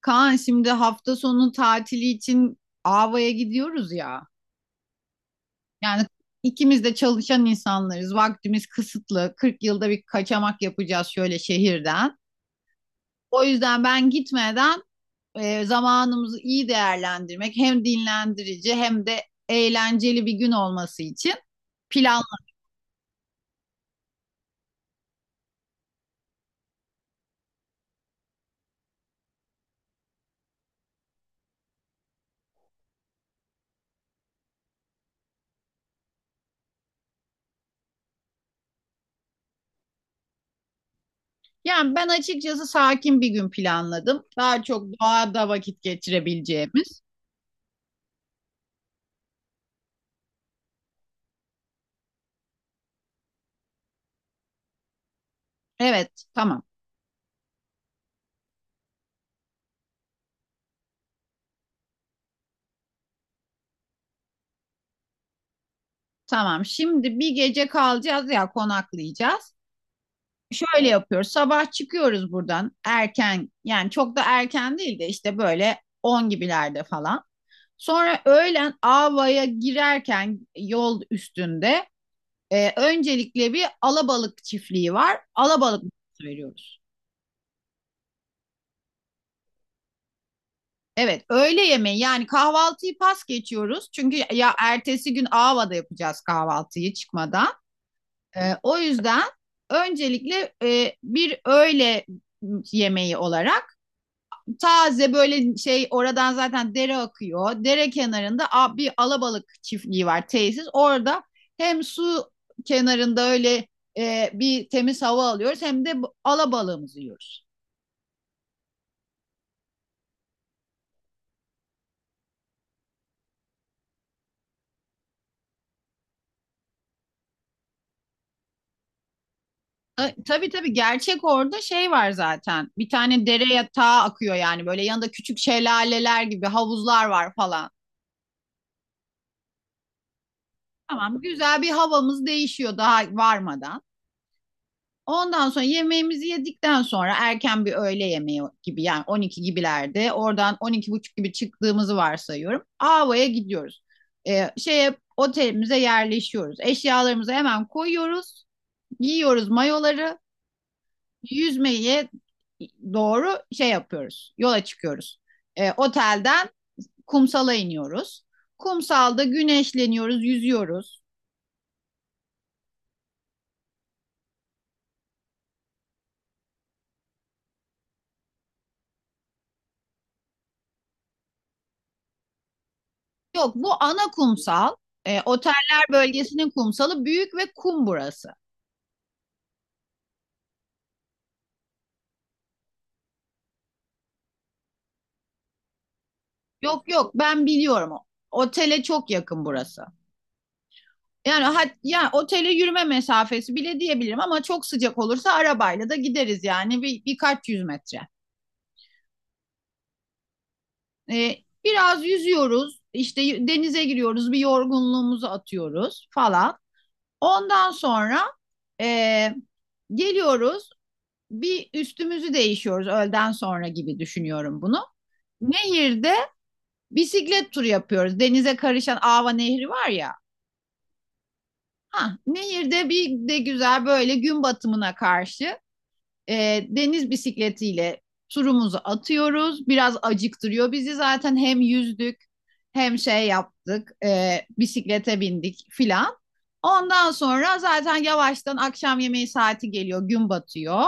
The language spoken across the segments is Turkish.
Kaan şimdi hafta sonu tatili için Ava'ya gidiyoruz ya. Yani ikimiz de çalışan insanlarız. Vaktimiz kısıtlı. 40 yılda bir kaçamak yapacağız şöyle şehirden. O yüzden ben gitmeden zamanımızı iyi değerlendirmek hem dinlendirici hem de eğlenceli bir gün olması için planladım. Yani ben açıkçası sakin bir gün planladım. Daha çok doğada vakit geçirebileceğimiz. Evet, tamam. Tamam. Şimdi bir gece kalacağız ya konaklayacağız. Şöyle yapıyoruz. Sabah çıkıyoruz buradan erken. Yani çok da erken değil de işte böyle 10 gibilerde falan. Sonra öğlen Ava'ya girerken yol üstünde öncelikle bir alabalık çiftliği var. Alabalık menüsü veriyoruz. Evet, öğle yemeği yani kahvaltıyı pas geçiyoruz. Çünkü ya ertesi gün Ava'da yapacağız kahvaltıyı çıkmadan. O yüzden öncelikle bir öğle yemeği olarak taze böyle şey oradan zaten dere akıyor. Dere kenarında bir alabalık çiftliği var tesis. Orada hem su kenarında öyle bir temiz hava alıyoruz hem de alabalığımızı yiyoruz. Tabii tabii gerçek orada şey var zaten. Bir tane dere yatağı akıyor yani böyle yanında küçük şelaleler gibi havuzlar var falan. Tamam güzel bir havamız değişiyor daha varmadan. Ondan sonra yemeğimizi yedikten sonra erken bir öğle yemeği gibi yani 12 gibilerde oradan 12 buçuk gibi çıktığımızı varsayıyorum. Ava'ya gidiyoruz. Şeye otelimize yerleşiyoruz. Eşyalarımızı hemen koyuyoruz. Giyiyoruz mayoları. Yüzmeye doğru şey yapıyoruz. Yola çıkıyoruz. Otelden kumsala iniyoruz. Kumsalda güneşleniyoruz, yüzüyoruz. Yok bu ana kumsal. E, oteller bölgesinin kumsalı büyük ve kum burası. Yok yok ben biliyorum. Otele çok yakın burası. Yani ya otele yürüme mesafesi bile diyebilirim ama çok sıcak olursa arabayla da gideriz yani birkaç yüz metre. Ee, biraz yüzüyoruz işte denize giriyoruz bir yorgunluğumuzu atıyoruz falan. Ondan sonra ee, geliyoruz bir üstümüzü değişiyoruz öğleden sonra gibi düşünüyorum bunu. Nehirde bisiklet turu yapıyoruz. Denize karışan Ava Nehri var ya. Ha, nehirde bir de güzel böyle gün batımına karşı deniz bisikletiyle turumuzu atıyoruz. Biraz acıktırıyor bizi zaten hem yüzdük hem şey yaptık bisiklete bindik filan. Ondan sonra zaten yavaştan akşam yemeği saati geliyor gün batıyor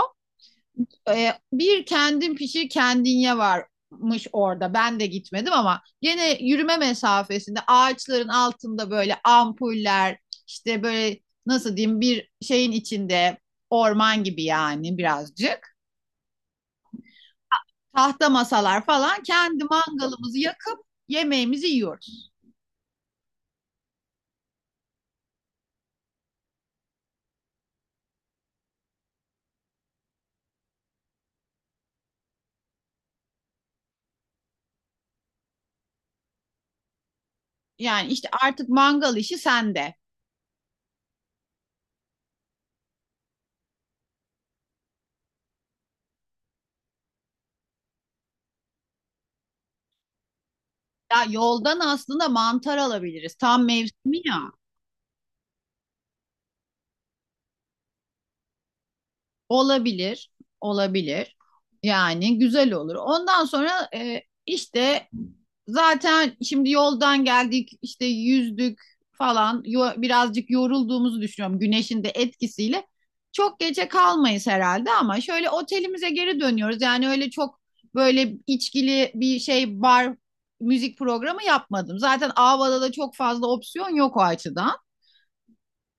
bir kendin pişir kendin ye varmış orada. Ben de gitmedim ama gene yürüme mesafesinde ağaçların altında böyle ampuller işte böyle nasıl diyeyim bir şeyin içinde orman gibi yani birazcık. Tahta masalar falan kendi mangalımızı yakıp yemeğimizi yiyoruz. Yani işte artık mangal işi sende. Ya yoldan aslında mantar alabiliriz. Tam mevsimi ya. Olabilir, olabilir. Yani güzel olur. Ondan sonra işte zaten şimdi yoldan geldik, işte yüzdük falan. Birazcık yorulduğumuzu düşünüyorum güneşin de etkisiyle. Çok gece kalmayız herhalde ama şöyle otelimize geri dönüyoruz. Yani öyle çok böyle içkili bir şey bar müzik programı yapmadım. Zaten Ava'da da çok fazla opsiyon yok o açıdan.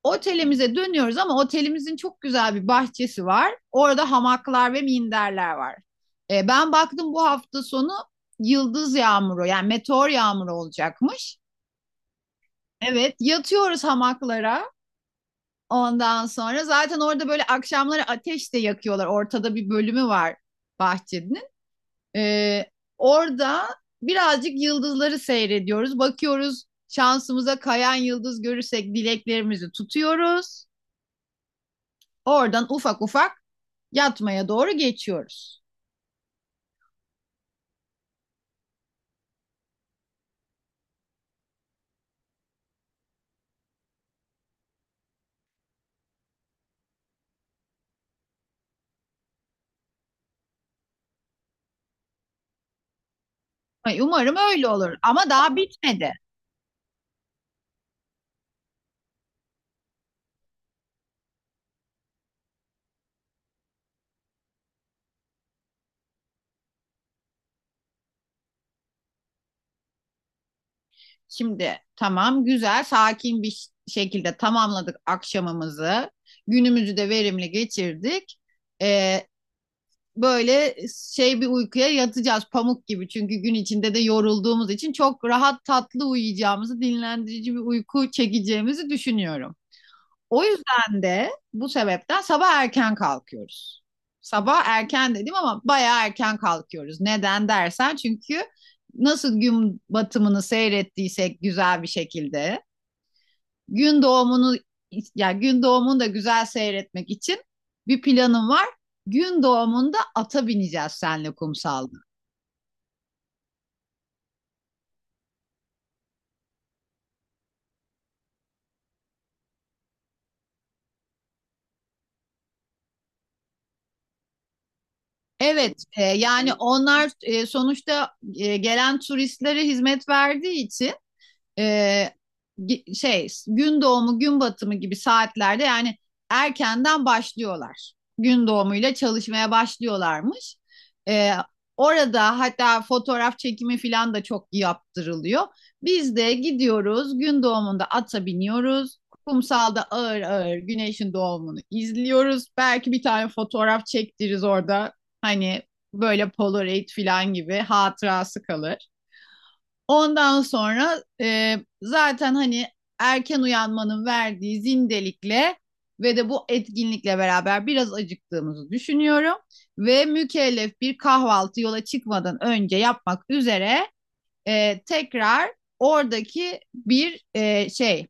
Otelimize dönüyoruz ama otelimizin çok güzel bir bahçesi var. Orada hamaklar ve minderler var. Ben baktım bu hafta sonu yıldız yağmuru yani meteor yağmuru olacakmış. Evet yatıyoruz hamaklara. Ondan sonra zaten orada böyle akşamları ateş de yakıyorlar. Ortada bir bölümü var bahçenin. E, orada birazcık yıldızları seyrediyoruz. Bakıyoruz şansımıza kayan yıldız görürsek dileklerimizi tutuyoruz. Oradan ufak ufak yatmaya doğru geçiyoruz. Umarım öyle olur ama daha bitmedi. Şimdi tamam güzel sakin bir şekilde tamamladık akşamımızı. Günümüzü de verimli geçirdik. Ee, böyle şey bir uykuya yatacağız pamuk gibi. Çünkü gün içinde de yorulduğumuz için çok rahat tatlı uyuyacağımızı, dinlendirici bir uyku çekeceğimizi düşünüyorum. O yüzden de bu sebepten sabah erken kalkıyoruz. Sabah erken dedim ama bayağı erken kalkıyoruz. Neden dersen çünkü nasıl gün batımını seyrettiysek güzel bir şekilde gün doğumunu yani gün doğumunu da güzel seyretmek için bir planım var. Gün doğumunda ata bineceğiz senle kumsalda. Evet, yani onlar sonuçta gelen turistlere hizmet verdiği için Ee, şey gün doğumu gün batımı gibi saatlerde yani erkenden başlıyorlar. Gün doğumuyla çalışmaya başlıyorlarmış. Ee, orada hatta fotoğraf çekimi falan da çok yaptırılıyor. Biz de gidiyoruz gün doğumunda ata biniyoruz. Kumsalda ağır ağır güneşin doğumunu izliyoruz. Belki bir tane fotoğraf çektiririz orada. Hani böyle Polaroid falan gibi hatırası kalır. Ondan sonra zaten hani erken uyanmanın verdiği zindelikle ve de bu etkinlikle beraber biraz acıktığımızı düşünüyorum. Ve mükellef bir kahvaltı yola çıkmadan önce yapmak üzere tekrar oradaki bir şey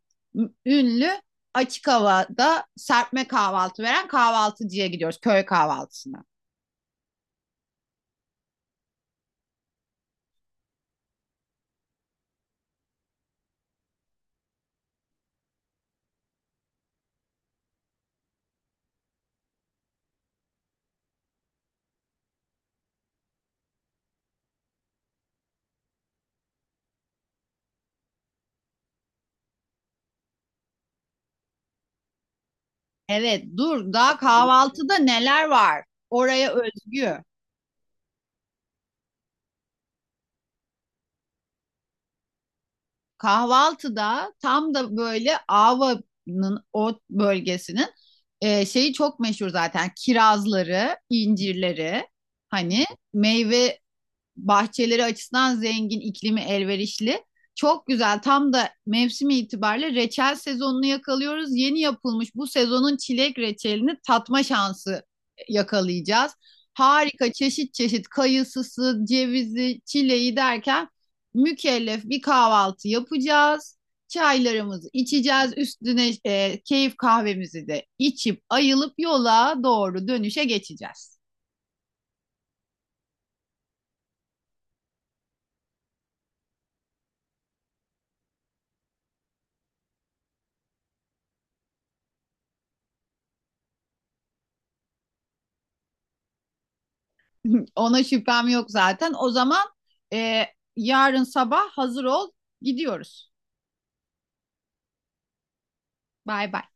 ünlü açık havada serpme kahvaltı veren kahvaltıcıya gidiyoruz köy kahvaltısına. Evet, dur. Daha kahvaltıda neler var? Oraya özgü. Kahvaltıda tam da böyle Ava'nın o bölgesinin şeyi çok meşhur zaten. Kirazları, incirleri, hani meyve bahçeleri açısından zengin, iklimi elverişli. Çok güzel. Tam da mevsimi itibariyle reçel sezonunu yakalıyoruz. Yeni yapılmış bu sezonun çilek reçelini tatma şansı yakalayacağız. Harika çeşit çeşit kayısısı, cevizi, çileği derken mükellef bir kahvaltı yapacağız. Çaylarımızı içeceğiz. Üstüne keyif kahvemizi de içip ayılıp yola doğru dönüşe geçeceğiz. Ona şüphem yok zaten. O zaman e, yarın sabah hazır ol. Gidiyoruz. Bay bay.